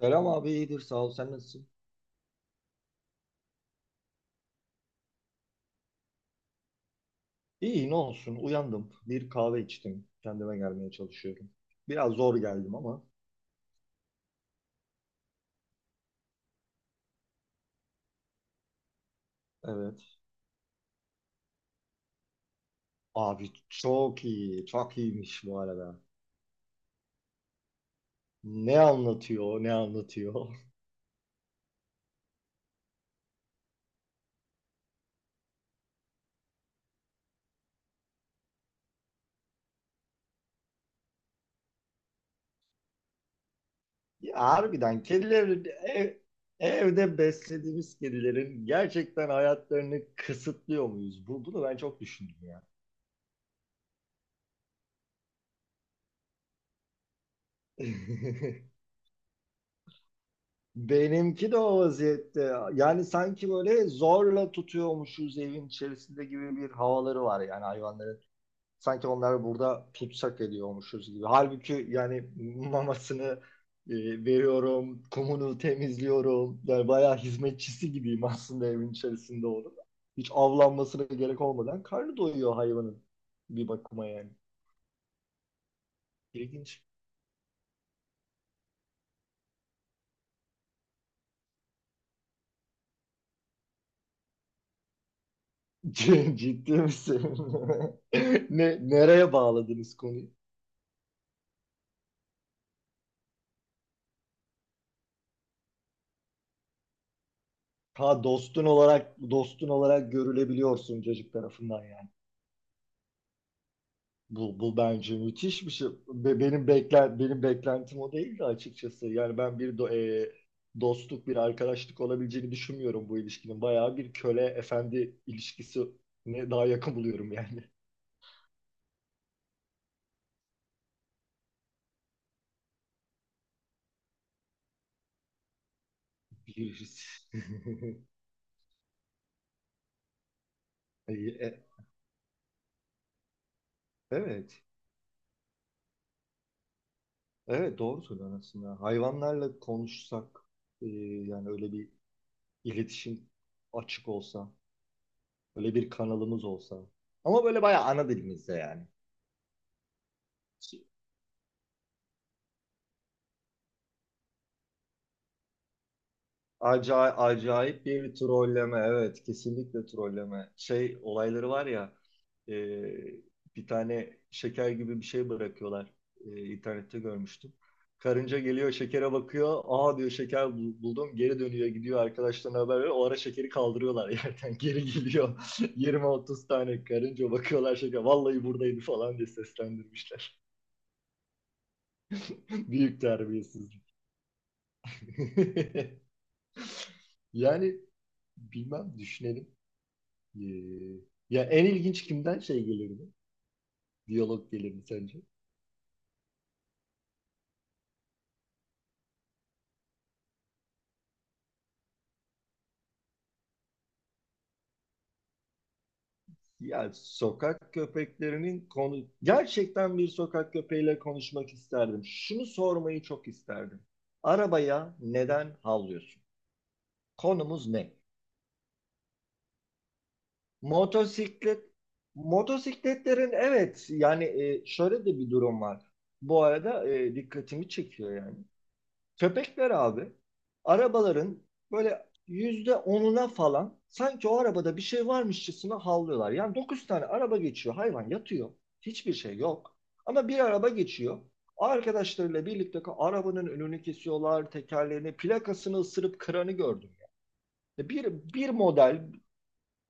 Selam abi iyidir sağ ol sen nasılsın? İyi ne olsun uyandım bir kahve içtim kendime gelmeye çalışıyorum. Biraz zor geldim ama evet. Abi çok iyi çok iyiymiş bu arada. Ne anlatıyor ne anlatıyor. Ya, harbiden evde beslediğimiz kedilerin gerçekten hayatlarını kısıtlıyor muyuz? Bunu ben çok düşündüm ya. Benimki de o vaziyette. Yani sanki böyle zorla tutuyormuşuz evin içerisinde gibi bir havaları var yani hayvanların. Sanki onları burada tutsak ediyormuşuz gibi. Halbuki yani mamasını veriyorum, kumunu temizliyorum. Yani bayağı hizmetçisi gibiyim aslında evin içerisinde onun. Hiç avlanmasına gerek olmadan karnı doyuyor hayvanın bir bakıma yani. İlginç. Ciddi misin? Nereye bağladınız konuyu? Ha dostun olarak dostun olarak görülebiliyorsun çocuk tarafından yani. Bu bence müthiş bir şey. Benim beklentim o değildi açıkçası. Yani ben bir do- e, Dostluk bir arkadaşlık olabileceğini düşünmüyorum bu ilişkinin. Bayağı bir köle efendi ilişkisine daha yakın buluyorum yani. Biliriz. E, e, evet. Evet doğru söylüyorsun aslında. Hayvanlarla konuşsak e, yani öyle bir iletişim açık olsa böyle bir kanalımız olsa. Ama böyle bayağı ana dilimizde yani. Acayip, acayip bir trolleme. Evet, kesinlikle trolleme. Şey olayları var ya, e, bir tane şeker gibi bir şey bırakıyorlar. E, internette görmüştüm. Karınca geliyor şekere bakıyor. Aa diyor şeker buldum. Geri dönüyor gidiyor arkadaşlarına haber veriyor. O ara şekeri kaldırıyorlar yerden. Geri geliyor. Yirmi otuz tane karınca bakıyorlar şeker. Vallahi buradaydı falan diye seslendirmişler. Büyük terbiyesiz. Yani bilmem düşünelim. Ee, ya en ilginç kimden şey gelirdi? Diyalog gelirdi sence? Ya sokak köpeklerinin konu gerçekten bir sokak köpeğiyle konuşmak isterdim. Şunu sormayı çok isterdim. Arabaya neden havlıyorsun? Konumuz ne? Motosiklet motosikletlerin evet yani şöyle de bir durum var. Bu arada dikkatimi çekiyor yani. Köpekler abi arabaların böyle yüzde onuna falan sanki o arabada bir şey varmışçasına havlıyorlar. Yani dokuz tane araba geçiyor hayvan yatıyor. Hiçbir şey yok. Ama bir araba geçiyor. Arkadaşlarıyla birlikte arabanın önünü kesiyorlar, tekerlerini, plakasını ısırıp kıranı gördüm. Ya. Bir, bir model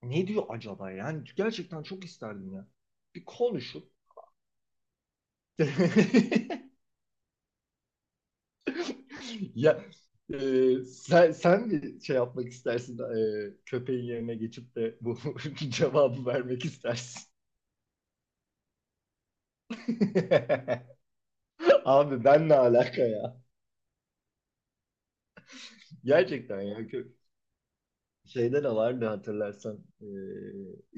ne diyor acaba? Yani gerçekten çok isterdim ya. Bir konuşup… Ya, e, sen mi şey yapmak istersin, köpeğin yerine geçip de bu cevabı vermek istersin? Abi ben ne alaka ya? Gerçekten ya kö- şeyde de vardı hatırlarsan,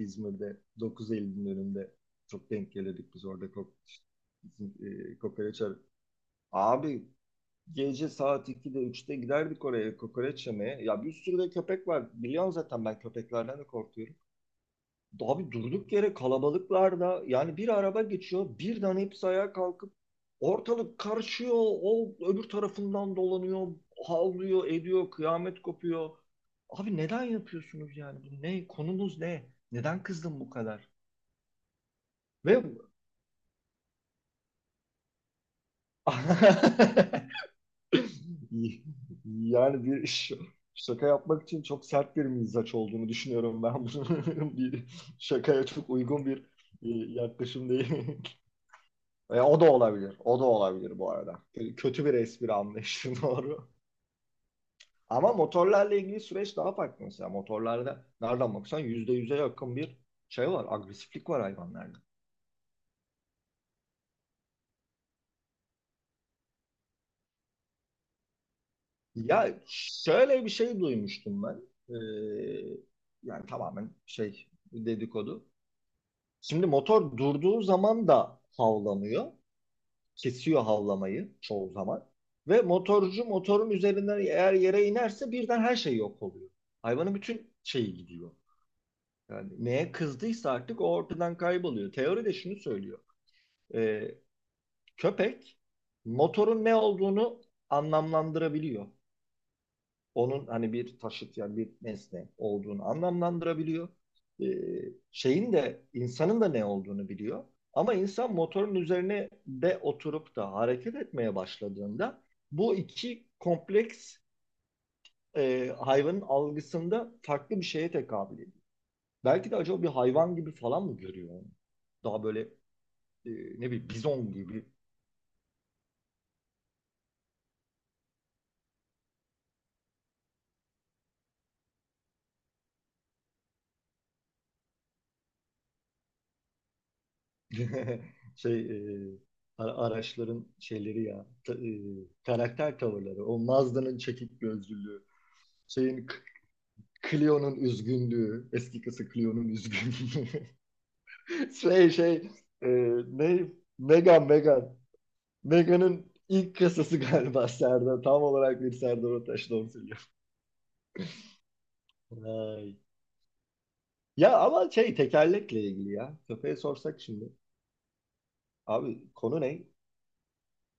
İzmir'de 9 Eylül'ün önünde çok denk gelirdik biz orada bizim, kokoreç abi gece saat 2'de üçte giderdik oraya kokoreç yemeye. Ya bir sürü de köpek var. Biliyorsun zaten ben köpeklerden de korkuyorum. Abi durduk yere kalabalıklarda yani bir araba geçiyor birden hepsi ayağa kalkıp ortalık karışıyor o öbür tarafından dolanıyor havlıyor ediyor kıyamet kopuyor. Abi neden yapıyorsunuz yani bu ne konumuz ne neden kızdın bu kadar ve yani şaka yapmak için çok sert bir mizaç olduğunu düşünüyorum ben bunun bir şakaya çok uygun bir yaklaşım değil. E, o da olabilir. O da olabilir bu arada. Kötü bir espri anlayışı, doğru. Ama motorlarla ilgili süreç daha farklı mesela. Motorlarda nereden baksan %100'e yakın bir şey var. Agresiflik var hayvanlarda. Ya şöyle bir şey duymuştum ben. Ee, yani tamamen şey dedikodu. Şimdi motor durduğu zaman da havlamıyor. Kesiyor havlamayı çoğu zaman. Ve motorcu motorun üzerinden eğer yere inerse birden her şey yok oluyor. Hayvanın bütün şeyi gidiyor. Yani neye kızdıysa artık o ortadan kayboluyor. Teori de şunu söylüyor. Ee, köpek motorun ne olduğunu anlamlandırabiliyor. Onun hani bir taşıt yani bir nesne olduğunu anlamlandırabiliyor. Ee, şeyin de insanın da ne olduğunu biliyor. Ama insan motorun üzerine de oturup da hareket etmeye başladığında bu iki kompleks, hayvanın algısında farklı bir şeye tekabül ediyor. Belki de acaba bir hayvan gibi falan mı görüyor onu? Daha böyle e, ne bileyim bizon gibi. Şey, e, araçların şeyleri ya karakter tavırları. O Mazda'nın çekik gözlülüğü, şeyin K- Clio'nun üzgünlüğü, eski kızı Clio'nun üzgünlüğü. Şey şey e, ne Megan Megan. Megan'ın ilk kasası galiba Serdar. Tam olarak bir Serdar Ortaç doğru söylüyor. Vay. Ya ama şey tekerlekle ilgili ya. Köpeğe sorsak şimdi. Abi konu ne?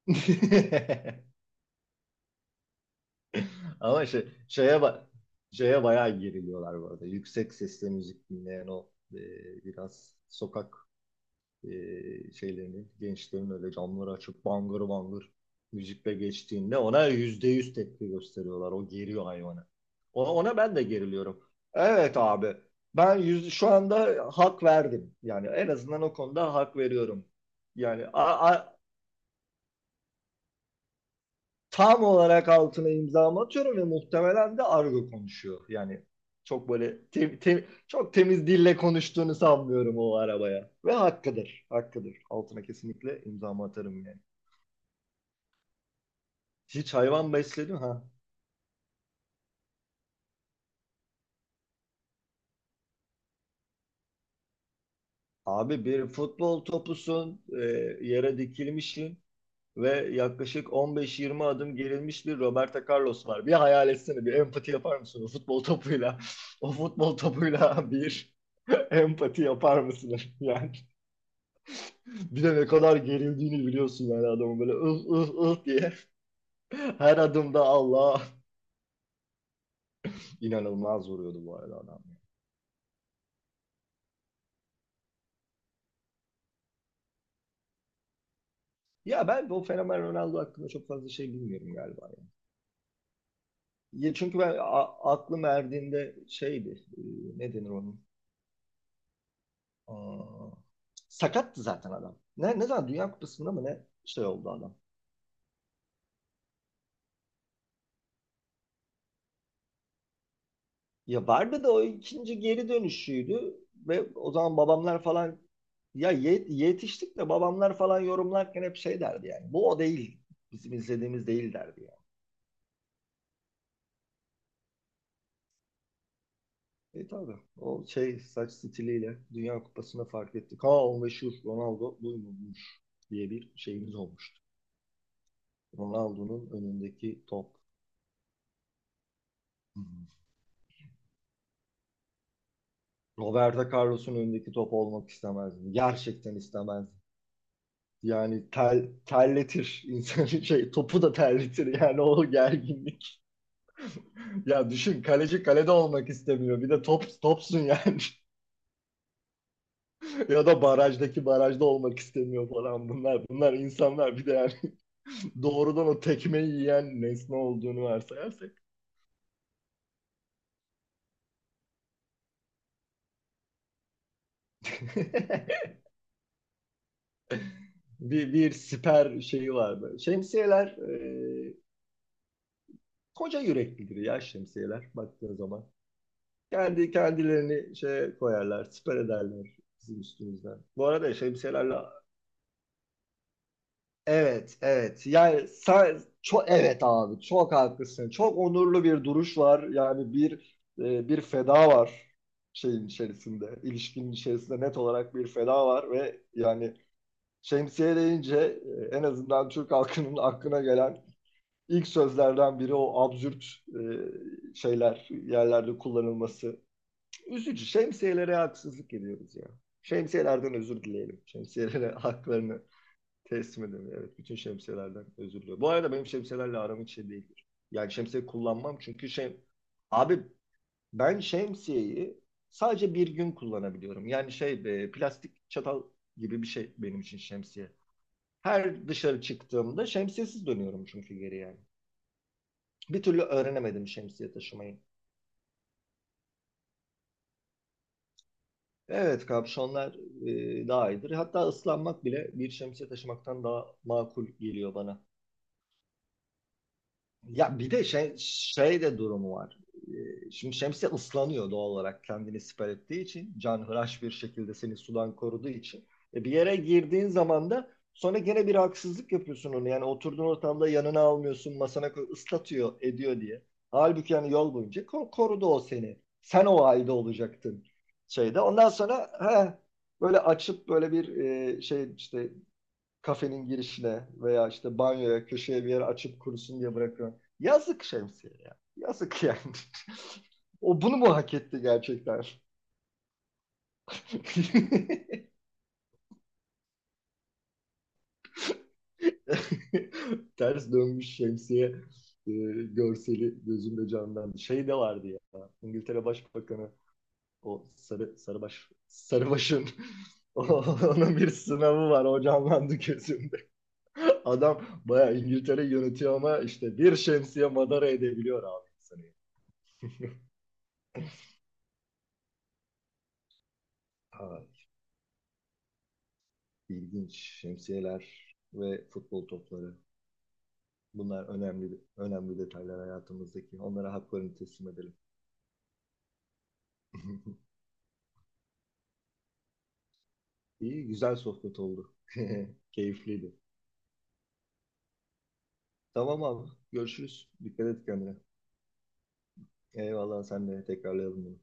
Ama şeye bak, şeye bayağı geriliyorlar bu arada. Yüksek sesle müzik dinleyen o, biraz sokak, şeylerini gençlerin öyle camları açıp bangır bangır müzikle geçtiğinde ona yüzde yüz tepki gösteriyorlar. O geriyor hayvanı. Ona ben de geriliyorum. Evet abi. Şu anda hak verdim. Yani en azından o konuda hak veriyorum. Yani tam olarak altına imzamı atıyorum ve muhtemelen de argo konuşuyor. Yani çok böyle çok temiz dille konuştuğunu sanmıyorum o arabaya. Ve hakkıdır, hakkıdır. Altına kesinlikle imzamı atarım yani. Hiç hayvan besledin ha? Abi bir futbol topusun, yere dikilmişsin ve yaklaşık 15-20 adım gerilmiş bir Roberto Carlos var. Bir hayal etsene, bir empati yapar mısın o futbol topuyla? O futbol topuyla bir empati yapar mısın? Yani bir de ne kadar gerildiğini biliyorsun yani adamın böyle ıh ıh ıh diye, her adımda Allah inanılmaz vuruyordu bu arada adam. Ya ben bu fenomen Ronaldo hakkında çok fazla şey bilmiyorum galiba. Ya çünkü ben aklım erdiğinde şeydi, e, ne denir onun? Aa, sakattı zaten adam. Ne zaman Dünya Kupası'nda mı ne şey oldu adam. Ya vardı da o ikinci geri dönüşüydü ve o zaman babamlar falan yetiştik de babamlar falan yorumlarken hep şey derdi yani. Bu o değil. Bizim izlediğimiz değil derdi yani. E tabii. O şey saç stiliyle Dünya Kupası'nda fark ettik. Ha o meşhur Ronaldo buymuş diye bir şeyimiz olmuştu. Ronaldo'nun önündeki top. Hı. Roberto Carlos'un önündeki top olmak istemezdim. Gerçekten istemezdim. Yani terletir insanı, şey topu da terletir yani o gerginlik. Ya düşün kaleci kalede olmak istemiyor. Bir de top topsun yani. Ya da barajda olmak istemiyor falan bunlar. Bunlar insanlar bir de yani doğrudan o tekmeyi yiyen nesne olduğunu varsayarsak. Bir siper şeyi vardı. Şemsiyeler, koca yüreklidir ya şemsiyeler baktığın zaman. Kendi kendilerini şey koyarlar, siper ederler bizim üstümüzden. Bu arada şemsiyelerle evet evet yani çok evet abi çok haklısın. Çok onurlu bir duruş var. Yani bir, bir feda var şeyin içerisinde, ilişkinin içerisinde net olarak bir feda var ve yani şemsiye deyince, en azından Türk halkının aklına gelen İlk sözlerden biri o absürt, şeyler yerlerde kullanılması. Üzücü. Şemsiyelere haksızlık ediyoruz ya. Şemsiyelerden özür dileyelim. Şemsiyelere haklarını teslim edelim. Evet, bütün şemsiyelerden özür diliyorum. Bu arada benim şemsiyelerle aram hiç şey değildir. Yani şemsiye kullanmam çünkü şey... Abi ben şemsiyeyi sadece bir gün kullanabiliyorum. Yani şey, plastik çatal gibi bir şey benim için şemsiye. Her dışarı çıktığımda şemsiyesiz dönüyorum çünkü geri yani. Bir türlü öğrenemedim şemsiye taşımayı. Evet kapşonlar, daha iyidir. Hatta ıslanmak bile bir şemsiye taşımaktan daha makul geliyor bana. Ya bir de şey de durumu var. Şimdi şemsiye ıslanıyor doğal olarak kendini siper ettiği için. Canhıraş bir şekilde seni sudan koruduğu için. E bir yere girdiğin zaman da sonra gene bir haksızlık yapıyorsun onu. Yani oturduğun ortamda yanına almıyorsun, masana koy, ıslatıyor, ediyor diye. Halbuki yani yol boyunca korudu o seni. Sen o halde olacaktın şeyde. Ondan sonra he, böyle açıp böyle bir, şey işte kafenin girişine veya işte banyoya köşeye bir yere açıp kurusun diye bırakıyorum. Yazık şemsiye ya. Yazık yani. O bunu mu hak etti gerçekten? Ters dönmüş şemsiye, e, görseli gözümde canlandı. Şey de vardı ya. İngiltere Başbakanı, o sarıbaşın, onun bir sınavı var o canlandı gözümde. Adam bayağı İngiltere yönetiyor ama işte bir şemsiye madara edebiliyor abi insanı. Ha, ilginç. Şemsiyeler ve futbol topları. Bunlar önemli önemli detaylar hayatımızdaki. Onlara haklarını teslim edelim. İyi, güzel sohbet oldu. Keyifliydi. Tamam abi. Görüşürüz. Dikkat et kendine. Eyvallah sen de tekrarlayalım bunu.